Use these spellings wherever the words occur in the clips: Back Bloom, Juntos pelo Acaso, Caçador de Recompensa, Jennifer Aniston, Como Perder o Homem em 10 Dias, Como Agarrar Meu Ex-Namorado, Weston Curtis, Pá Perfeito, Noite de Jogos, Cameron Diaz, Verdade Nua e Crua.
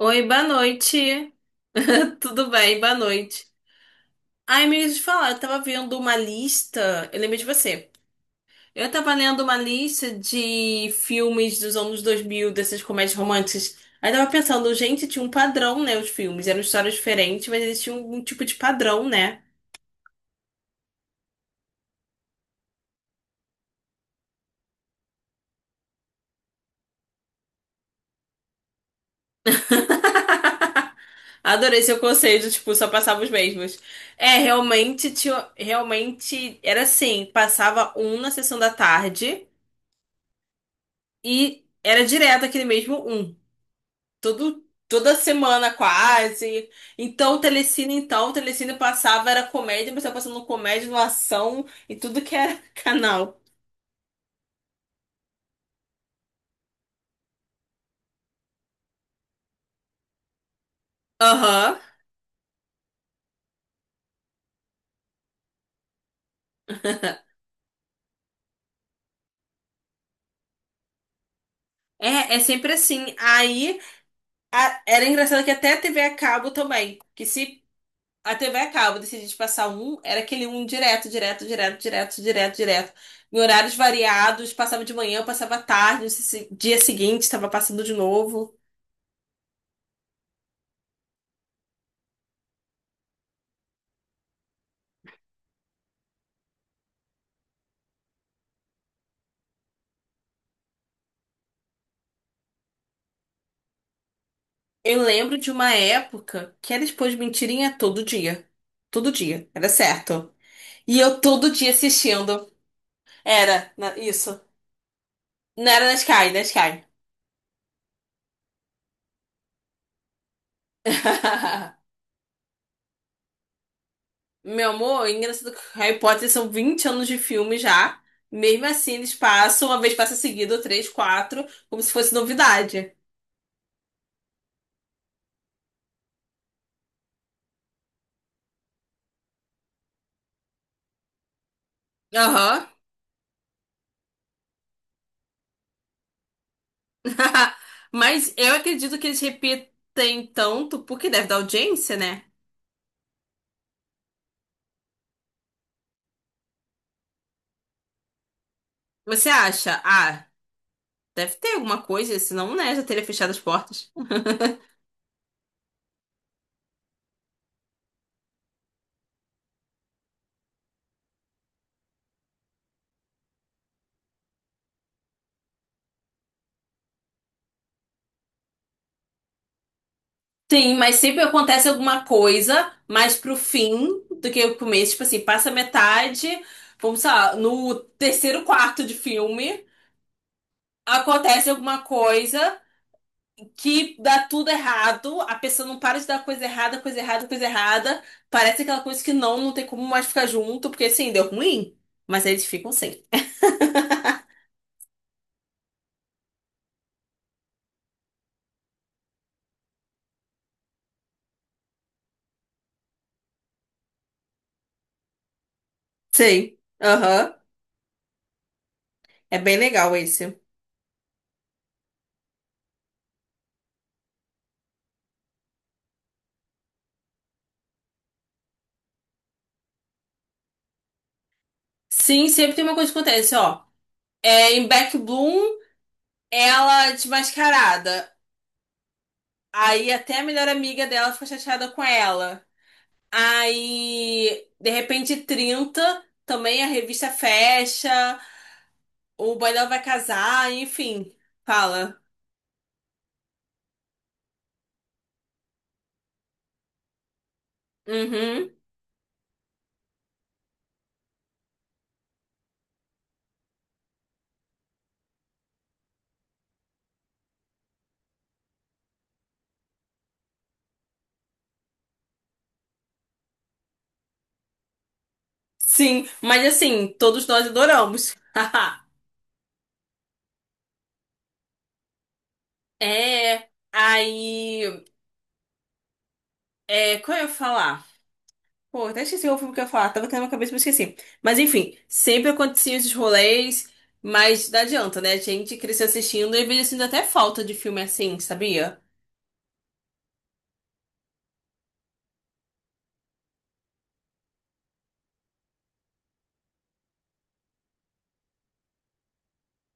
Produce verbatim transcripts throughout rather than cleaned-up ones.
Oi, boa noite. Tudo bem, boa noite. Ai, me deixa falar, eu tava vendo uma lista. Eu lembrei de você. Eu tava lendo uma lista de filmes dos anos dois mil dessas comédias românticas. Aí tava pensando, gente, tinha um padrão, né? Os filmes eram histórias diferentes, mas eles tinham um tipo de padrão, né? Adorei seu conceito, tipo, só passava os mesmos. É, realmente, tinha, realmente era assim, passava um na sessão da tarde. E era direto aquele mesmo um. Todo, toda semana quase. Então, o Telecine, então, o Telecine passava, era comédia, mas tava passando comédia, no ação e tudo que era canal. Aham. É, é sempre assim. Aí, a- era engraçado que até a T V a cabo também. Que se a T V a cabo decidisse passar um, era aquele um direto, direto, direto, direto, direto, direto. Em horários variados, passava de manhã, passava à tarde, no se- dia seguinte estava passando de novo. Eu lembro de uma época que era expor de mentirinha todo dia. Todo dia, era certo. E eu todo dia assistindo. Era, na- isso. Não era na Sky, na Sky. Meu amor, é engraçado que Harry Potter são vinte anos de filme já. Mesmo assim, eles passam, uma vez passa seguido, três, quatro, como se fosse novidade. Aham. Mas eu acredito que eles repetem tanto porque deve dar audiência, né? Você acha? Ah. Deve ter alguma coisa, senão, né, já teria fechado as portas. Sim, mas sempre acontece alguma coisa mais pro fim do que o começo. Tipo assim, passa metade, vamos sei lá, no terceiro quarto de filme, acontece alguma coisa que dá tudo errado, a pessoa não para de dar coisa errada, coisa errada, coisa errada. Parece aquela coisa que não, não tem como mais ficar junto, porque assim, deu ruim. Mas eles ficam sem. Sim, aham. É bem legal esse. Sim, sempre tem uma coisa que acontece, ó. É, em Back Bloom, ela é desmascarada. Aí até a melhor amiga dela fica chateada com ela. Aí, de repente, trinta, também a revista fecha, o boy dela vai casar, enfim. Fala. Uhum. Sim, mas assim, todos nós adoramos. É. Aí. É, como eu ia falar? Pô, até esqueci o filme que eu ia falar. Tava aqui na minha cabeça, mas esqueci. Mas enfim, sempre aconteciam esses rolês, mas não adianta, né? A gente cresceu assistindo e veio sentindo até falta de filme assim, sabia?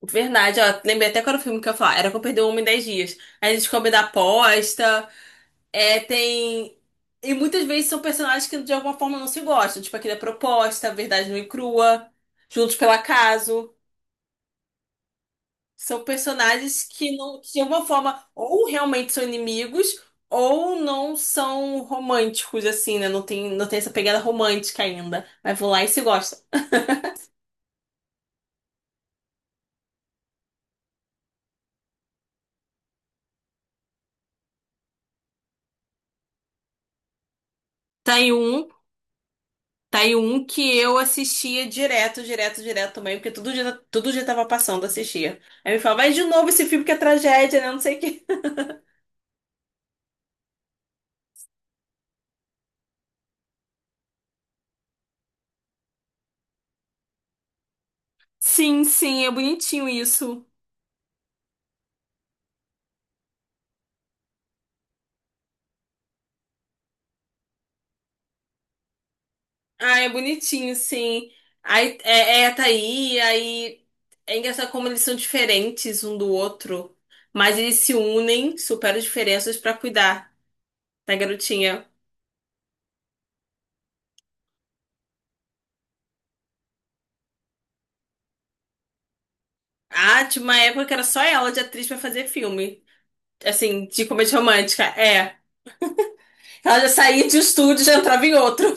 Verdade, ó, lembrei até qual era o filme que eu ia falar. Era Como Perder o Homem em 10 Dias. Aí a gente come da aposta, é, tem... E muitas vezes são personagens que de alguma forma não se gostam. Tipo aquele da proposta, Verdade Nua e Crua, Juntos pelo Acaso. São personagens que não, que de alguma forma, ou realmente são inimigos, ou não são românticos, assim, né? Não tem, não tem essa pegada romântica ainda. Mas vão lá e se gostam. Tá aí um, tá aí um que eu assistia direto, direto, direto também, porque todo dia, todo dia tava passando, assistia. Aí me falava, vai de novo esse filme que é tragédia, né? Não sei o quê. Sim, sim, é bonitinho isso. Ah, é bonitinho, sim. Aí é, é tá aí, aí é engraçado como eles são diferentes um do outro, mas eles se unem, superam as diferenças pra cuidar da garotinha. Ah, tinha uma época que era só ela de atriz pra fazer filme. Assim, de comédia romântica. É. Ela já saía de um estúdio e já entrava em outro.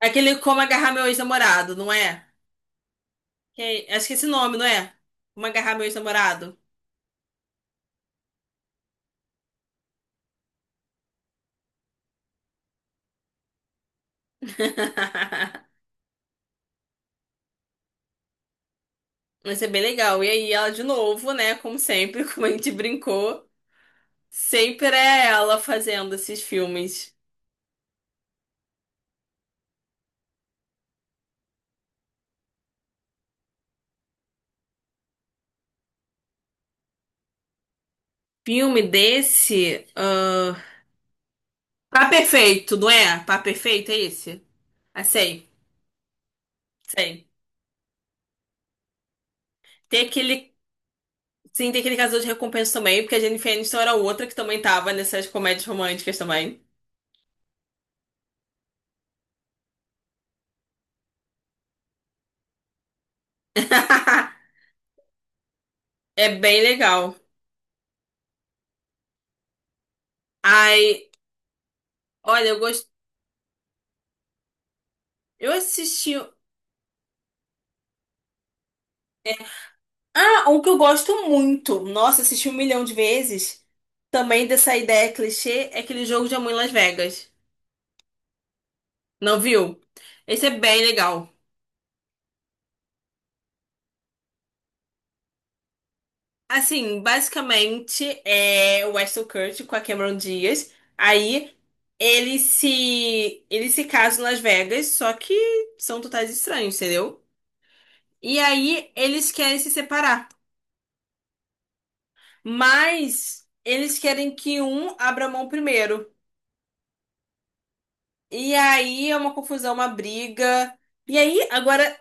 Aquele Como Agarrar Meu Ex-Namorado, não é? Que é- Acho que é esse nome, não é? Como Agarrar Meu Ex-Namorado. Vai ser bem legal. E aí, ela de novo, né? Como sempre, como a gente brincou, sempre é ela fazendo esses filmes. Filme desse. ah, Pá Perfeito, não é? Pá Perfeito é esse? Ah, sei, sei. Tem aquele. Sim, tem aquele Caçador de Recompensa também, porque a Jennifer Aniston era outra que também tava nessas comédias românticas também. É bem legal. Ai, olha, eu gosto. Eu assisti. Ah, um que eu gosto muito. Nossa, assisti um milhão de vezes. Também dessa ideia clichê é aquele jogo de amor em Las Vegas. Não viu? Esse é bem legal. Assim, basicamente é o Weston Curtis com a Cameron Diaz. Aí ele se ele se casa em Las Vegas, só que são totais estranhos, entendeu? E aí eles querem se separar, mas eles querem que um abra mão primeiro. E aí é uma confusão, uma briga. E aí, agora,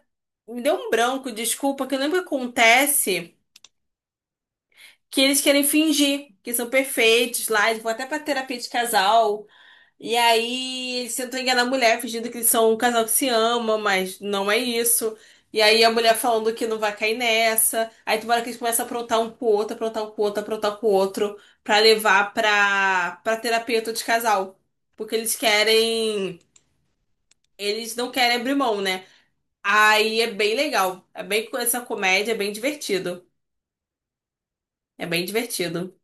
me deu um branco, desculpa, que eu lembro que acontece que eles querem fingir que são perfeitos lá, eles vão até pra terapia de casal. E aí, eles tentam enganar a mulher, fingindo que eles são um casal que se ama, mas não é isso. E aí, a mulher falando que não vai cair nessa. Aí, tem uma hora que eles começam a aprontar um com o outro, aprontar um com o outro, aprontar um com o outro, pra levar pra, pra, terapeuta de casal. Porque eles querem. Eles não querem abrir mão, né? Aí é bem legal. É bem com essa comédia, é bem divertido. É bem divertido.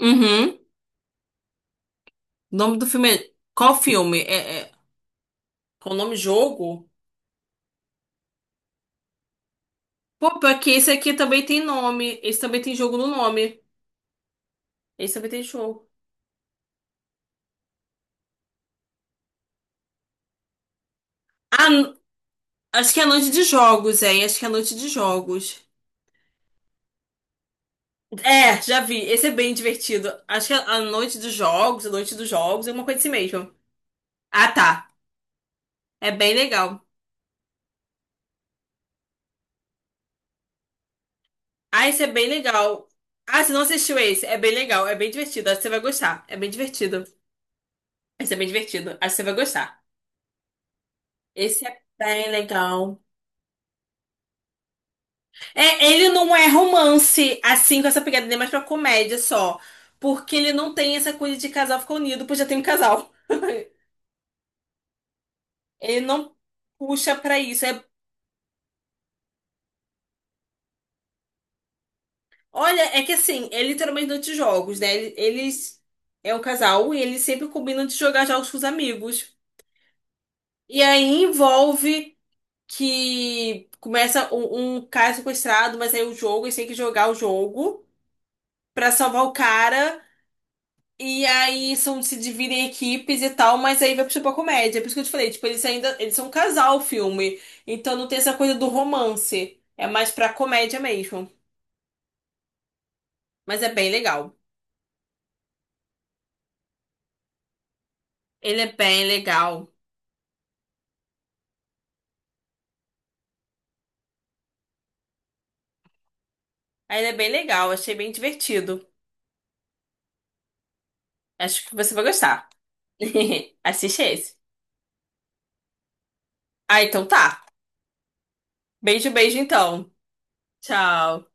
Uhum. O nome do filme é... Qual filme? É, é... Com o nome jogo? Pô, pior que esse aqui também tem nome. Esse também tem jogo no nome. Esse também tem jogo. Ah, n- acho que é Noite de Jogos, é. Acho que é Noite de Jogos. É, já vi. Esse é bem divertido. Acho que é a Noite dos Jogos, a Noite dos Jogos, é uma coisa assim mesmo. Ah, tá. É bem legal. Ah, esse é bem legal. Ah, você não assistiu esse? É bem legal, é bem divertido. Acho que você vai gostar. É bem divertido. Esse é bem divertido. Acho que você vai gostar. Esse é bem legal. É, ele não é romance, assim, com essa pegada, nem mais pra comédia só. Porque ele não tem essa coisa de casal ficar unido, pois já tem um casal. Ele não puxa pra isso. É- olha, é que assim, é literalmente durante os jogos, né? Ele- Eles é um casal e eles sempre combinam de jogar jogos com os amigos. E aí envolve, que começa um, um cara sequestrado, mas aí o jogo, eles têm que jogar o jogo pra salvar o cara. E aí são, se dividem em equipes e tal, mas aí vai puxar pra comédia. É por isso que eu te falei, tipo, eles ainda, eles são um casal, o filme. Então não tem essa coisa do romance. É mais pra comédia mesmo. Mas é bem legal. Ele é bem legal. Ah, ele é bem legal, achei bem divertido. Acho que você vai gostar. Assiste esse. Ah, então tá. Beijo, beijo então. Tchau.